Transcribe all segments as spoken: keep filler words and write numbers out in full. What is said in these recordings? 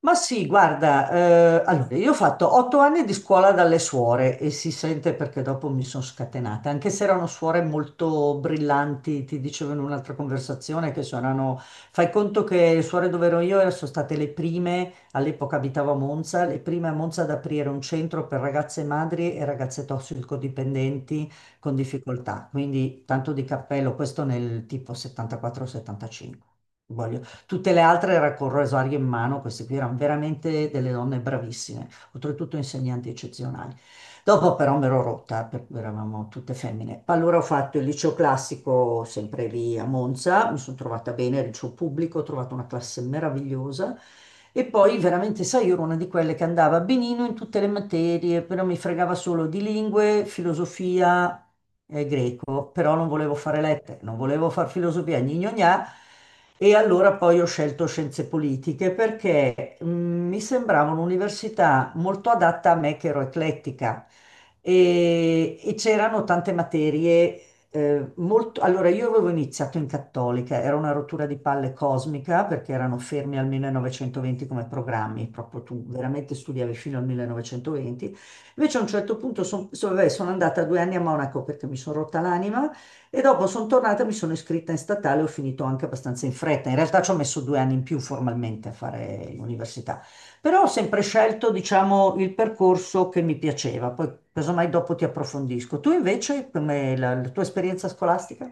Ma sì, guarda, eh, allora io ho fatto otto anni di scuola dalle suore e si sente perché dopo mi sono scatenata, anche se erano suore molto brillanti, ti dicevo in un'altra conversazione che suonano, fai conto che le suore dove ero io sono state le prime, all'epoca abitavo a Monza, le prime a Monza ad aprire un centro per ragazze madri e ragazze tossicodipendenti con difficoltà, quindi tanto di cappello, questo nel tipo settantaquattro, settantacinque. Tutte le altre era col rosario in mano, queste qui erano veramente delle donne bravissime, oltretutto insegnanti eccezionali. Dopo però mi ero rotta, perché eravamo tutte femmine. Allora ho fatto il liceo classico sempre lì a Monza, mi sono trovata bene, il liceo pubblico, ho trovato una classe meravigliosa. E poi veramente, sai, io ero una di quelle che andava benino in tutte le materie, però mi fregava solo di lingue, filosofia e greco, però non volevo fare lettere, non volevo fare filosofia, gna gna gna, e allora poi ho scelto scienze politiche perché mh, mi sembrava un'università molto adatta a me che ero eclettica e, e c'erano tante materie eh, molto... Allora io avevo iniziato in cattolica, era una rottura di palle cosmica perché erano fermi al millenovecentoventi come programmi, proprio tu veramente studiavi fino al millenovecentoventi. Invece a un certo punto son- so- vabbè, sono andata due anni a Monaco perché mi sono rotta l'anima e dopo sono tornata, mi sono iscritta in statale, ho finito anche abbastanza in fretta. In realtà ci ho messo due anni in più formalmente a fare l'università, però ho sempre scelto, diciamo, il percorso che mi piaceva. Poi, casomai, dopo ti approfondisco. Tu invece, come la, la tua esperienza scolastica?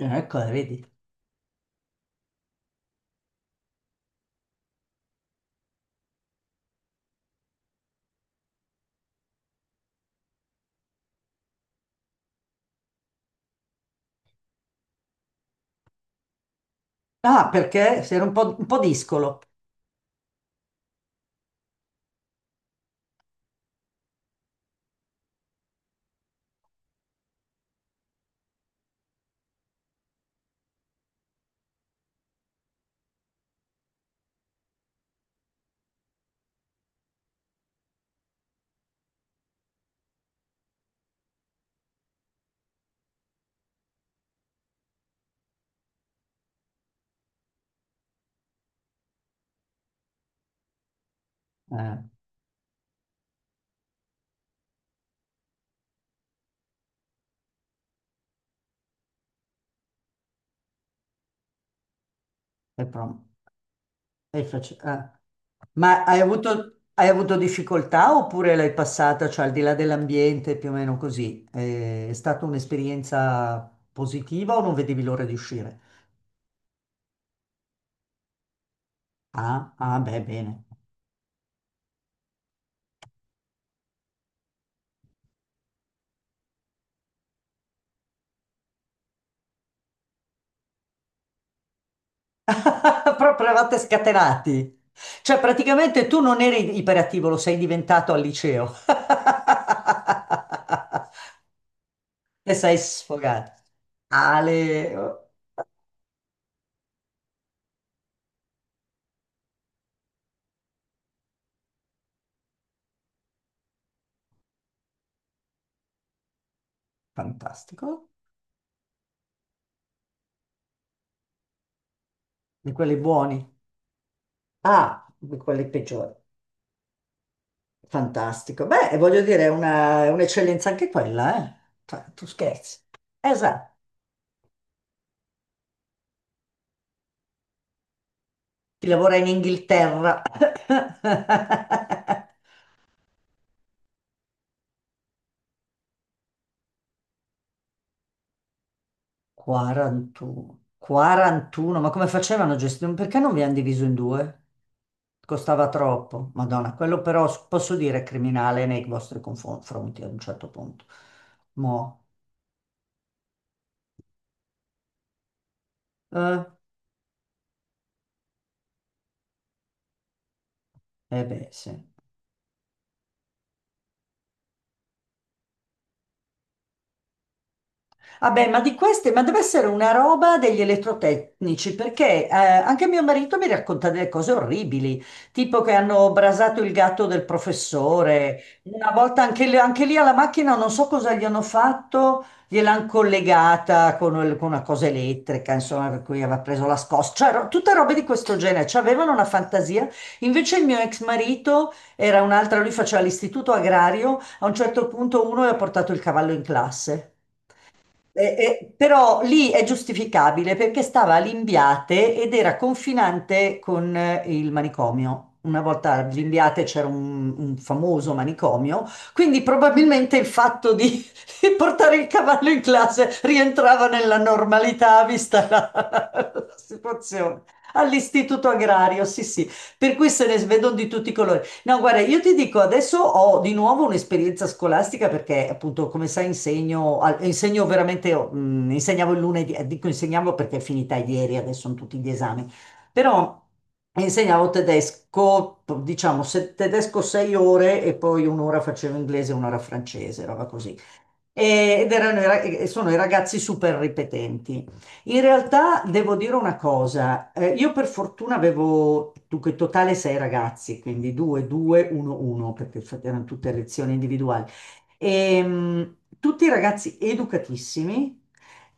Eh, Ecco, eh, vedi. Ah, perché sei un po', un po' discolo. Eh, è prom- è facile. Ma hai avuto, hai avuto difficoltà oppure l'hai passata, cioè al di là dell'ambiente, più o meno così? Eh, È stata un'esperienza positiva o non vedevi l'ora di uscire? Ah, ah, beh, bene. Proprio eravate scatenati. Cioè, praticamente tu non eri iperattivo, lo sei diventato al liceo. E sei sfogato. Ale, oh, fantastico. Di quelli buoni. Ah, di quelli peggiori. Fantastico. Beh, voglio dire, è una- è un'eccellenza anche quella, eh? Cioè, tu scherzi. Esatto. Chi lavora in Inghilterra. quarantuno. quarantuno, ma come facevano a gestire? Perché non vi hanno diviso in due? Costava troppo. Madonna, quello però s- posso dire è criminale nei vostri confronti a un certo punto. Mo. Eh? Eh beh, sì. Vabbè, ma di queste, ma deve essere una roba degli elettrotecnici, perché eh, anche mio marito mi racconta delle cose orribili, tipo che hanno brasato il gatto del professore, una volta anche, lì anche lì alla macchina non so cosa gli hanno fatto, gliel'hanno collegata con, il- con una cosa elettrica, insomma, per cui aveva preso la scossa, cioè ro- tutte robe di questo genere, cioè, avevano una fantasia. Invece il mio ex marito era un'altra, lui faceva l'istituto agrario, a un certo punto uno gli ha portato il cavallo in classe. Eh, eh, però lì è giustificabile perché stava a Limbiate ed era confinante con eh, il manicomio. Una volta a Limbiate c'era un, un famoso manicomio, quindi probabilmente il fatto di, di portare il cavallo in classe rientrava nella normalità vista la, la situazione. All'istituto agrario, sì, sì, per cui se ne vedono di tutti i colori. No, guarda, io ti dico, adesso ho di nuovo un'esperienza scolastica perché appunto, come sai, insegno, al- insegno veramente, mh, insegnavo il lunedì, eh, dico insegnavo perché è finita ieri, adesso sono tutti gli esami, però insegnavo tedesco, diciamo, se- tedesco sei ore e poi un'ora facevo inglese e un'ora francese, roba così e ed erano i ra- e sono i ragazzi super ripetenti. In realtà devo dire una cosa, eh, io per fortuna avevo, dunque, in totale sei ragazzi, quindi due, due, uno, uno, perché f- erano tutte lezioni individuali. Ehm, tutti ragazzi educatissimi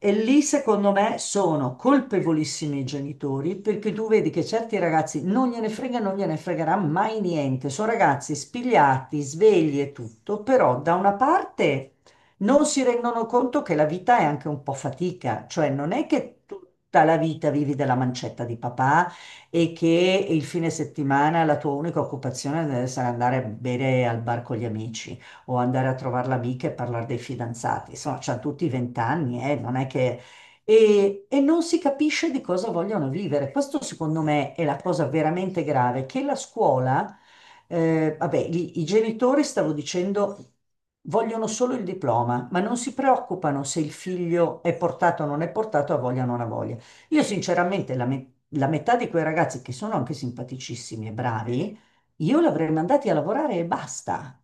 e lì secondo me sono colpevolissimi i genitori perché tu vedi che certi ragazzi non gliene frega, non gliene fregherà mai niente, sono ragazzi spigliati, svegli e tutto, però da una parte non si rendono conto che la vita è anche un po' fatica, cioè non è che tutta la vita vivi della mancetta di papà e che il fine settimana la tua unica occupazione deve essere andare a bere al bar con gli amici o andare a trovare l'amica e parlare dei fidanzati. Insomma, c'hanno tutti vent'anni, eh, non è che... E, e non si capisce di cosa vogliono vivere. Questo secondo me è la cosa veramente grave, che la scuola eh, vabbè, lì i genitori, stavo dicendo, vogliono solo il diploma, ma non si preoccupano se il figlio è portato o non è portato, ha voglia o non ha voglia. Io sinceramente la, me- la metà di quei ragazzi che sono anche simpaticissimi e bravi, io l'avrei mandati a lavorare e basta.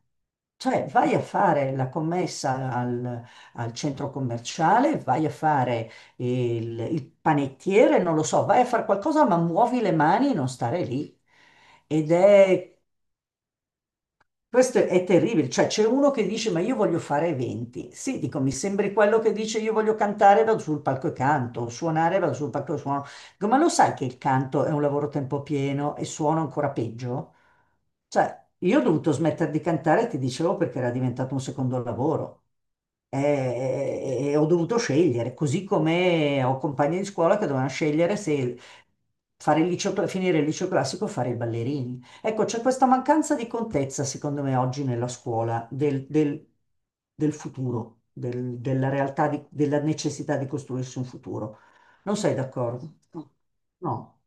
Cioè, vai a fare la commessa al, al centro commerciale, vai a fare il, il panettiere, non lo so, vai a fare qualcosa, ma muovi le mani e non stare lì. Ed è questo è terribile, cioè c'è uno che dice ma io voglio fare eventi. Sì, dico, mi sembri quello che dice io voglio cantare, vado sul palco e canto, suonare, vado sul palco e suono. Dico, ma lo sai che il canto è un lavoro a tempo pieno e suono ancora peggio? Cioè, io ho dovuto smettere di cantare, ti dicevo, perché era diventato un secondo lavoro. E, e ho dovuto scegliere, così come ho compagni di scuola che dovevano scegliere se fare il liceo, cla- finire il liceo classico o fare i ballerini. Ecco, c'è questa mancanza di contezza, secondo me, oggi nella scuola, del, del- del futuro, del- della realtà, di- della necessità di costruirsi un futuro. Non sei d'accordo? No. No.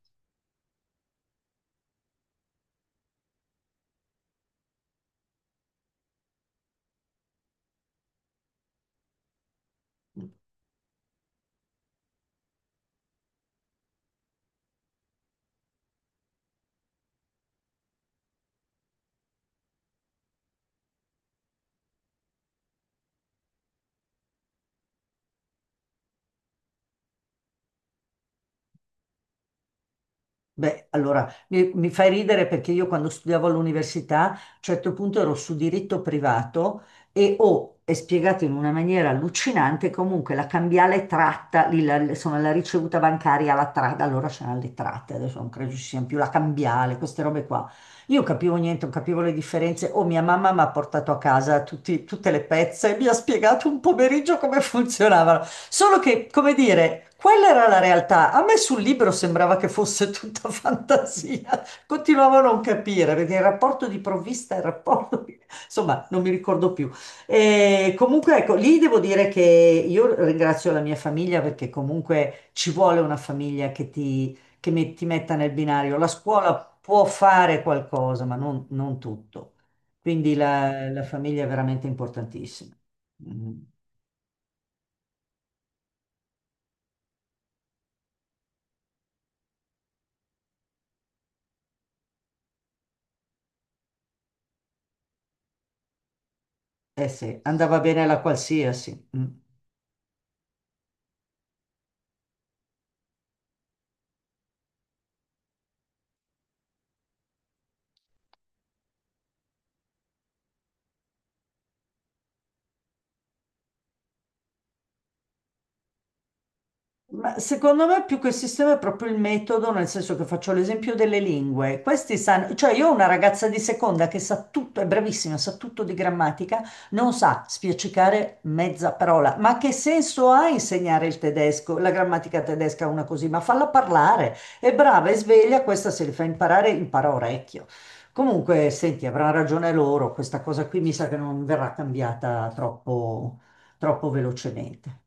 Beh, allora, mi, mi fai ridere perché io quando studiavo all'università, a un certo punto ero su diritto privato e ho, è spiegato in una maniera allucinante, comunque la cambiale tratta, lì la, insomma, la ricevuta bancaria, la tratta, allora c'erano le tratte, adesso non credo ci siano più la cambiale, queste robe qua. Io capivo niente, non capivo le differenze. O mia mamma mi ha portato a casa tutti- tutte le pezze e mi ha spiegato un pomeriggio come funzionavano. Solo che, come dire, quella era la realtà. A me sul libro sembrava che fosse tutta fantasia. Continuavo a non capire perché il rapporto di provvista, il rapporto di- Insomma, non mi ricordo più. E comunque, ecco, lì devo dire che io ringrazio la mia famiglia perché comunque ci vuole una famiglia che ti che mi- ti metta nel binario. La scuola può fare qualcosa, ma non, non tutto. Quindi la, la famiglia è veramente importantissima. Mm. Eh sì, andava bene la qualsiasi. Mm. Ma secondo me più che il sistema è proprio il metodo, nel senso che faccio l'esempio delle lingue. Questi sanno, cioè io ho una ragazza di seconda che sa tutto, è bravissima, sa tutto di grammatica, non sa spiaccicare mezza parola. Ma che senso ha insegnare il tedesco, la grammatica tedesca a una così? Ma falla parlare, è brava, è sveglia, questa se li fa imparare, impara a orecchio. Comunque, senti, avranno ragione loro, questa cosa qui mi sa che non verrà cambiata troppo troppo velocemente.